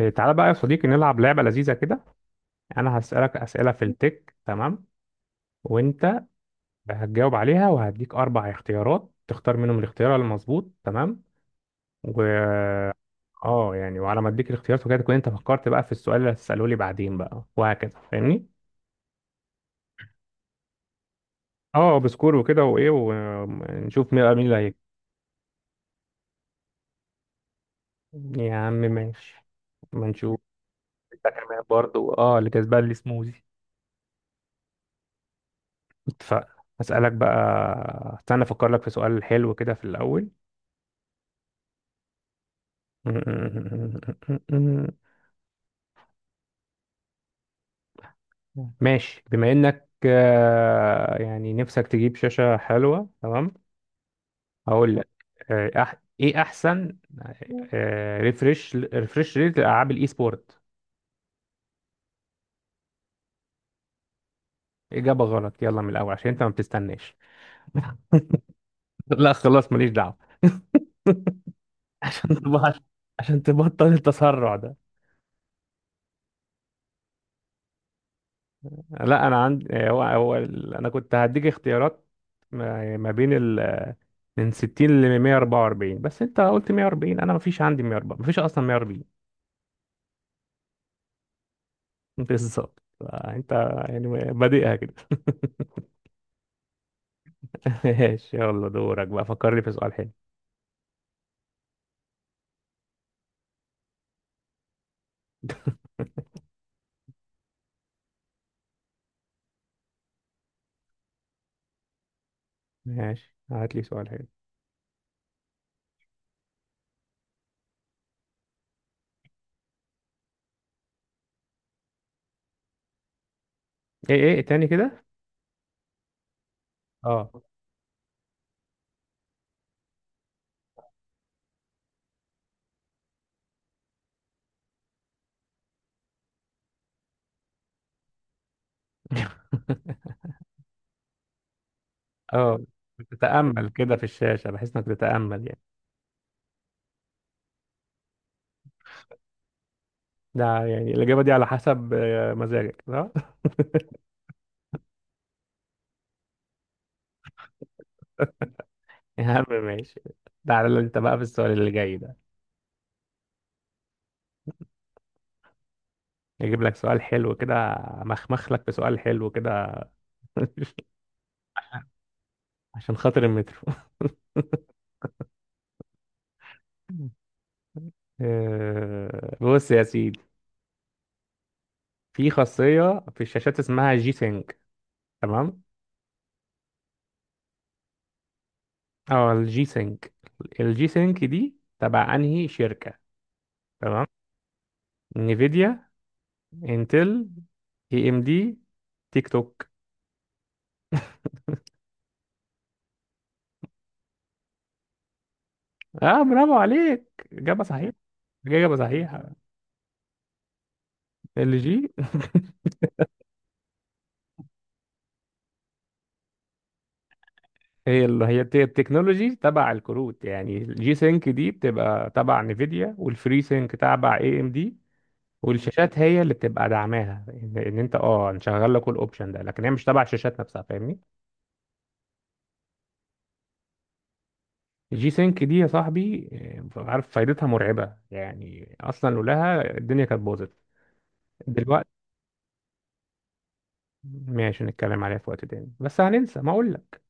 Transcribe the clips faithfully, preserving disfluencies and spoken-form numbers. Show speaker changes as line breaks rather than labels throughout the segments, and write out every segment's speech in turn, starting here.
إيه، تعالى بقى يا صديقي نلعب لعبة لذيذة كده. أنا هسألك أسئلة في التك، تمام؟ وأنت هتجاوب عليها وهديك أربع اختيارات تختار منهم الاختيار المظبوط، تمام؟ و اه يعني، وعلى ما اديك الاختيارات وكده تكون انت فكرت بقى في السؤال اللي هتسأله لي بعدين بقى وهكذا، فاهمني؟ اه بسكور وكده، وايه ونشوف مين مين اللي هيكسب. يا عم ماشي، ما نشوف. التكمل برضه، اه اللي كسبان لي سموزي. اتفقنا، هسألك بقى، استنى افكر لك في سؤال حلو كده في الأول. مم. ماشي، بما انك آه، يعني نفسك تجيب شاشة حلوة، تمام؟ هقول لك. آه، أح ايه احسن ريفرش ريفرش ريت لالعاب الاي سبورت؟ اجابة غلط، يلا من الاول عشان انت ما بتستناش. لا خلاص، ماليش دعوة. عشان تبطل التسرع ده. لا انا عندي، آه، هو هو ال- انا كنت هديك اختيارات ما ما بين ال من ستين ل مية واربعة واربعين، بس انت قلت مائة وأربعين، انا ما فيش عندي مية واربعين، ما فيش اصلا مية واربعين. بالظبط. انت يعني بادئها كده. ماشي، يلا دورك بقى، فكرني في سؤال حلو. ماشي هات لي سؤال حلو. ايه، ايه تاني كده؟ اه. اه، بتتأمل كده في الشاشة بحيث انك تتأمل، يعني. ده يعني الإجابة دي على حسب آه، مزاجك، صح؟ يا عم ماشي. تعالى انت بقى في السؤال اللي جاي ده، اجيب لك سؤال حلو كده، مخمخ لك في سؤال حلو كده. عشان خاطر المترو. آه، بص يا سيدي، في خاصية في الشاشات اسمها جي سينج، تمام؟ اه، الجي سينك. الجي سينك دي تبع انهي شركة؟ تمام. نيفيديا، انتل، اي ام دي، تيك توك. اه برافو عليك، اجابة صحيحة. اجابة صحيحة. الجي. هي اللي هي الت- التكنولوجي تبع الكروت، يعني الجي سينك دي بتبقى تبع نيفيديا والفري سينك تبع اي ام دي. والشاشات هي اللي بتبقى دعماها ان إن انت اه نشغل لك الاوبشن ده، لكن هي مش تبع الشاشات نفسها، فاهمني. الجي سينك دي يا صاحبي، آه، عارف فايدتها مرعبة، يعني اصلا لولاها الدنيا كانت باظت. دلوقتي؟ ماشي، نتكلم عليها في وقت تاني، بس هننسى ما اقول لك.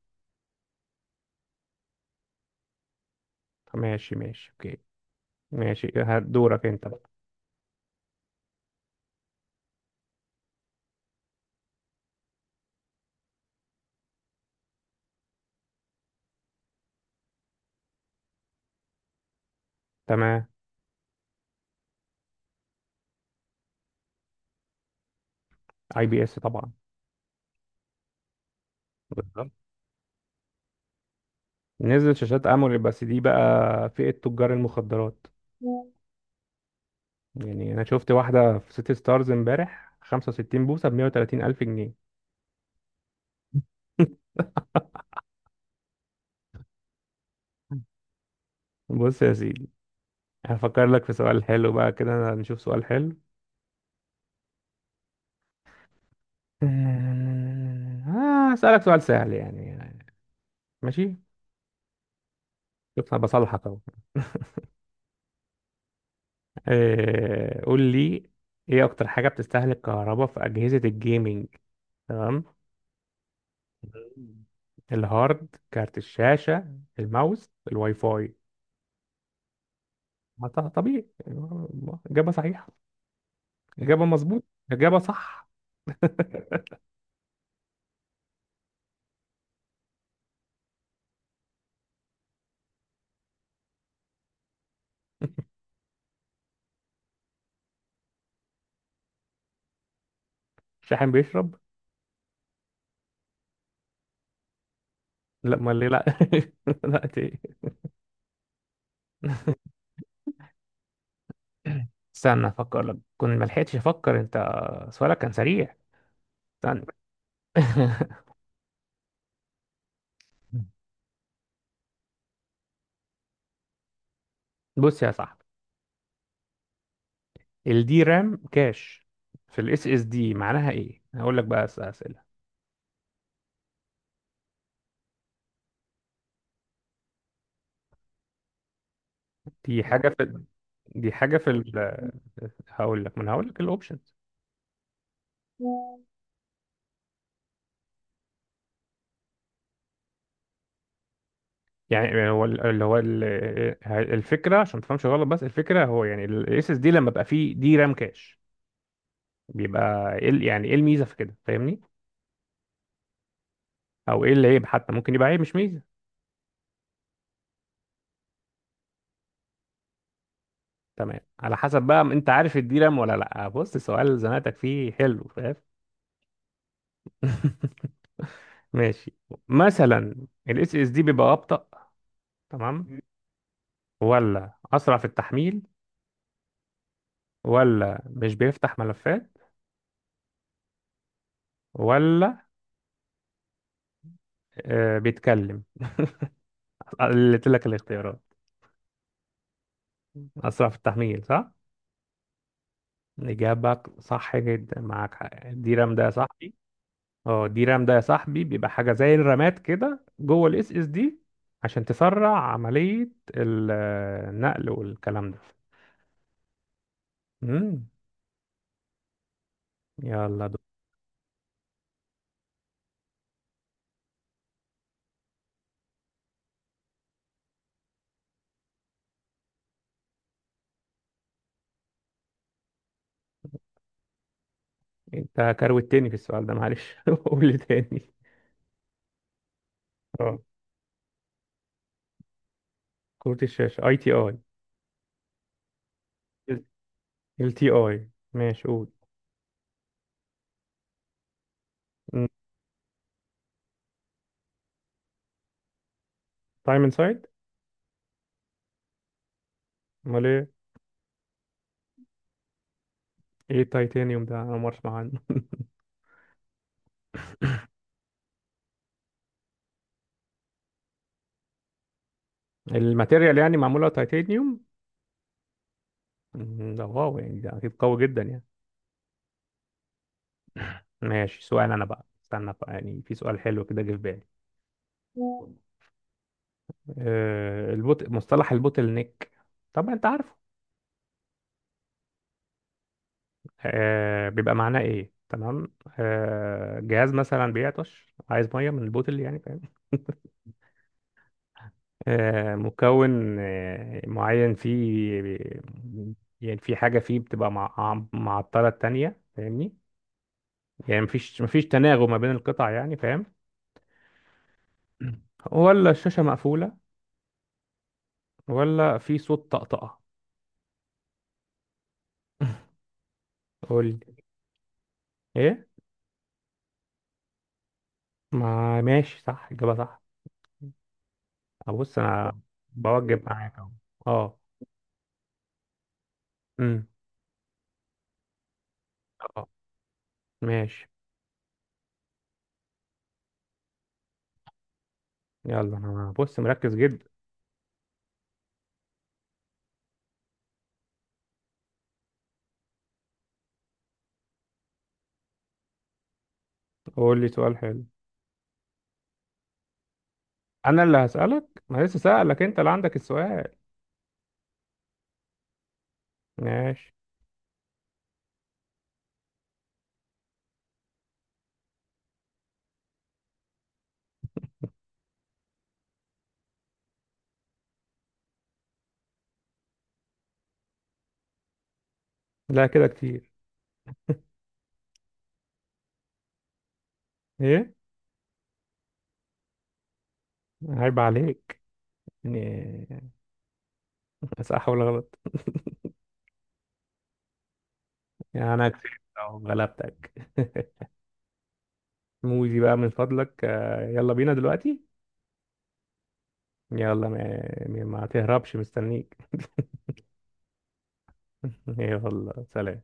ماشي ماشي اوكي. ماشي هدورك انت بقى. تمام. اي بي اس طبعا. بالظبط، نزلت شاشات اموليد بس دي بقى فئة تجار المخدرات. يعني انا شفت واحدة في سيتي ستارز امبارح 65 بوصة ب 130 الف جنيه. بص يا سيدي، هفكر لك في سؤال حلو بقى كده، نشوف سؤال حلو. آه، هسألك سؤال سهل يعني. ماشي. شوف أنا بصلحك أهو. آه، قول لي إيه أكتر حاجة بتستهلك كهرباء في أجهزة الجيمنج، تمام؟ مم. الهارد، كارت الشاشة، الماوس، الواي فاي. ما ط- طبيعي. إجابة صحيحة، إجابة مظبوط، إجابة صح. شاحن بيشرب؟ لا ما ليه، لا. لا دي- استنى أفكر لك، كنت ما لحقتش أفكر، أنت سؤالك كان سريع، استنى. بص يا صاحبي، الدي رام كاش في الاس اس دي معناها ايه، هقول لك بقى أس- اسئله. دي حاجه في. دي حاجه في ال... هقول لك، ما انا هقول لك الاوبشنز. يعني هو ال- اللي هو ال... الفكره عشان ما تفهمش غلط، بس الفكره هو يعني الاس اس دي لما بقى فيه دي رام كاش بيبقى ايه ال- يعني ايه الميزه في كده، فاهمني؟ او ايه العيب، حتى ممكن يبقى عيب مش ميزه. تمام، على حسب بقى انت عارف الدي رام ولا لا. بص سؤال زنقتك فيه حلو. ماشي، مثلا الاس اس دي بيبقى ابطأ، تمام؟ ولا اسرع في التحميل، ولا مش بيفتح ملفات، ولا آه بيتكلم؟ قلت لك الاختيارات. اسرع في التحميل، صح. اجابة صح جدا، معاك حق، الدي رام ده يا صاحبي. اه، الدي رام ده يا صاحبي بيبقى حاجة زي الرامات كده جوه الاس اس دي عشان تسرع عملية ال- آه، النقل والكلام ده. مم. يلا، انت كروتني في السؤال ده معلش. قول لي تاني. اه، كروت الشاشة اي تي اي. ال تي اي ماشي قول. تايم انسايد. امال ايه؟ ايه التيتانيوم ده، انا ما اسمع عنه. الماتيريال يعني معمولة تيتانيوم. مم، ده واو، يعني ده اكيد قوي جدا يعني. ماشي، سؤال انا بقى، استنى بقى، يعني في سؤال حلو كده جه في بالي. آه، البوت، مصطلح البوتل نيك، طبعا انت عارفه. آه بيبقى معناه ايه، تمام؟ آه جهاز مثلا بيعطش عايز ميه من البوتل يعني، فاهم؟ آه مكون آه معين فيه، يعني في حاجه فيه بتبقى مع معطله التانية، فاهمني؟ يعني مفيش مفيش تناغم ما بين القطع يعني، فاهم؟ ولا الشاشه مقفوله، ولا في صوت طقطقه؟ قول لي. ايه؟ ما ماشي، صح، اجابه صح. ابص انا بوجب معاك اهو. اه. امم اه، ماشي. يلا انا بص، مركز جدا. قول لي سؤال حلو. انا اللي هسألك، ما لسه سألك، انت اللي عندك السؤال. ماشي. لا كده كتير. ايه؟ عيب عليك، يعني صح ولا غلط؟ يعني انا كسبت أهو، غلبتك. موزي بقى من فضلك، آه، يلا بينا دلوقتي. يلا ما, ما تهربش، مستنيك. يلا سلام.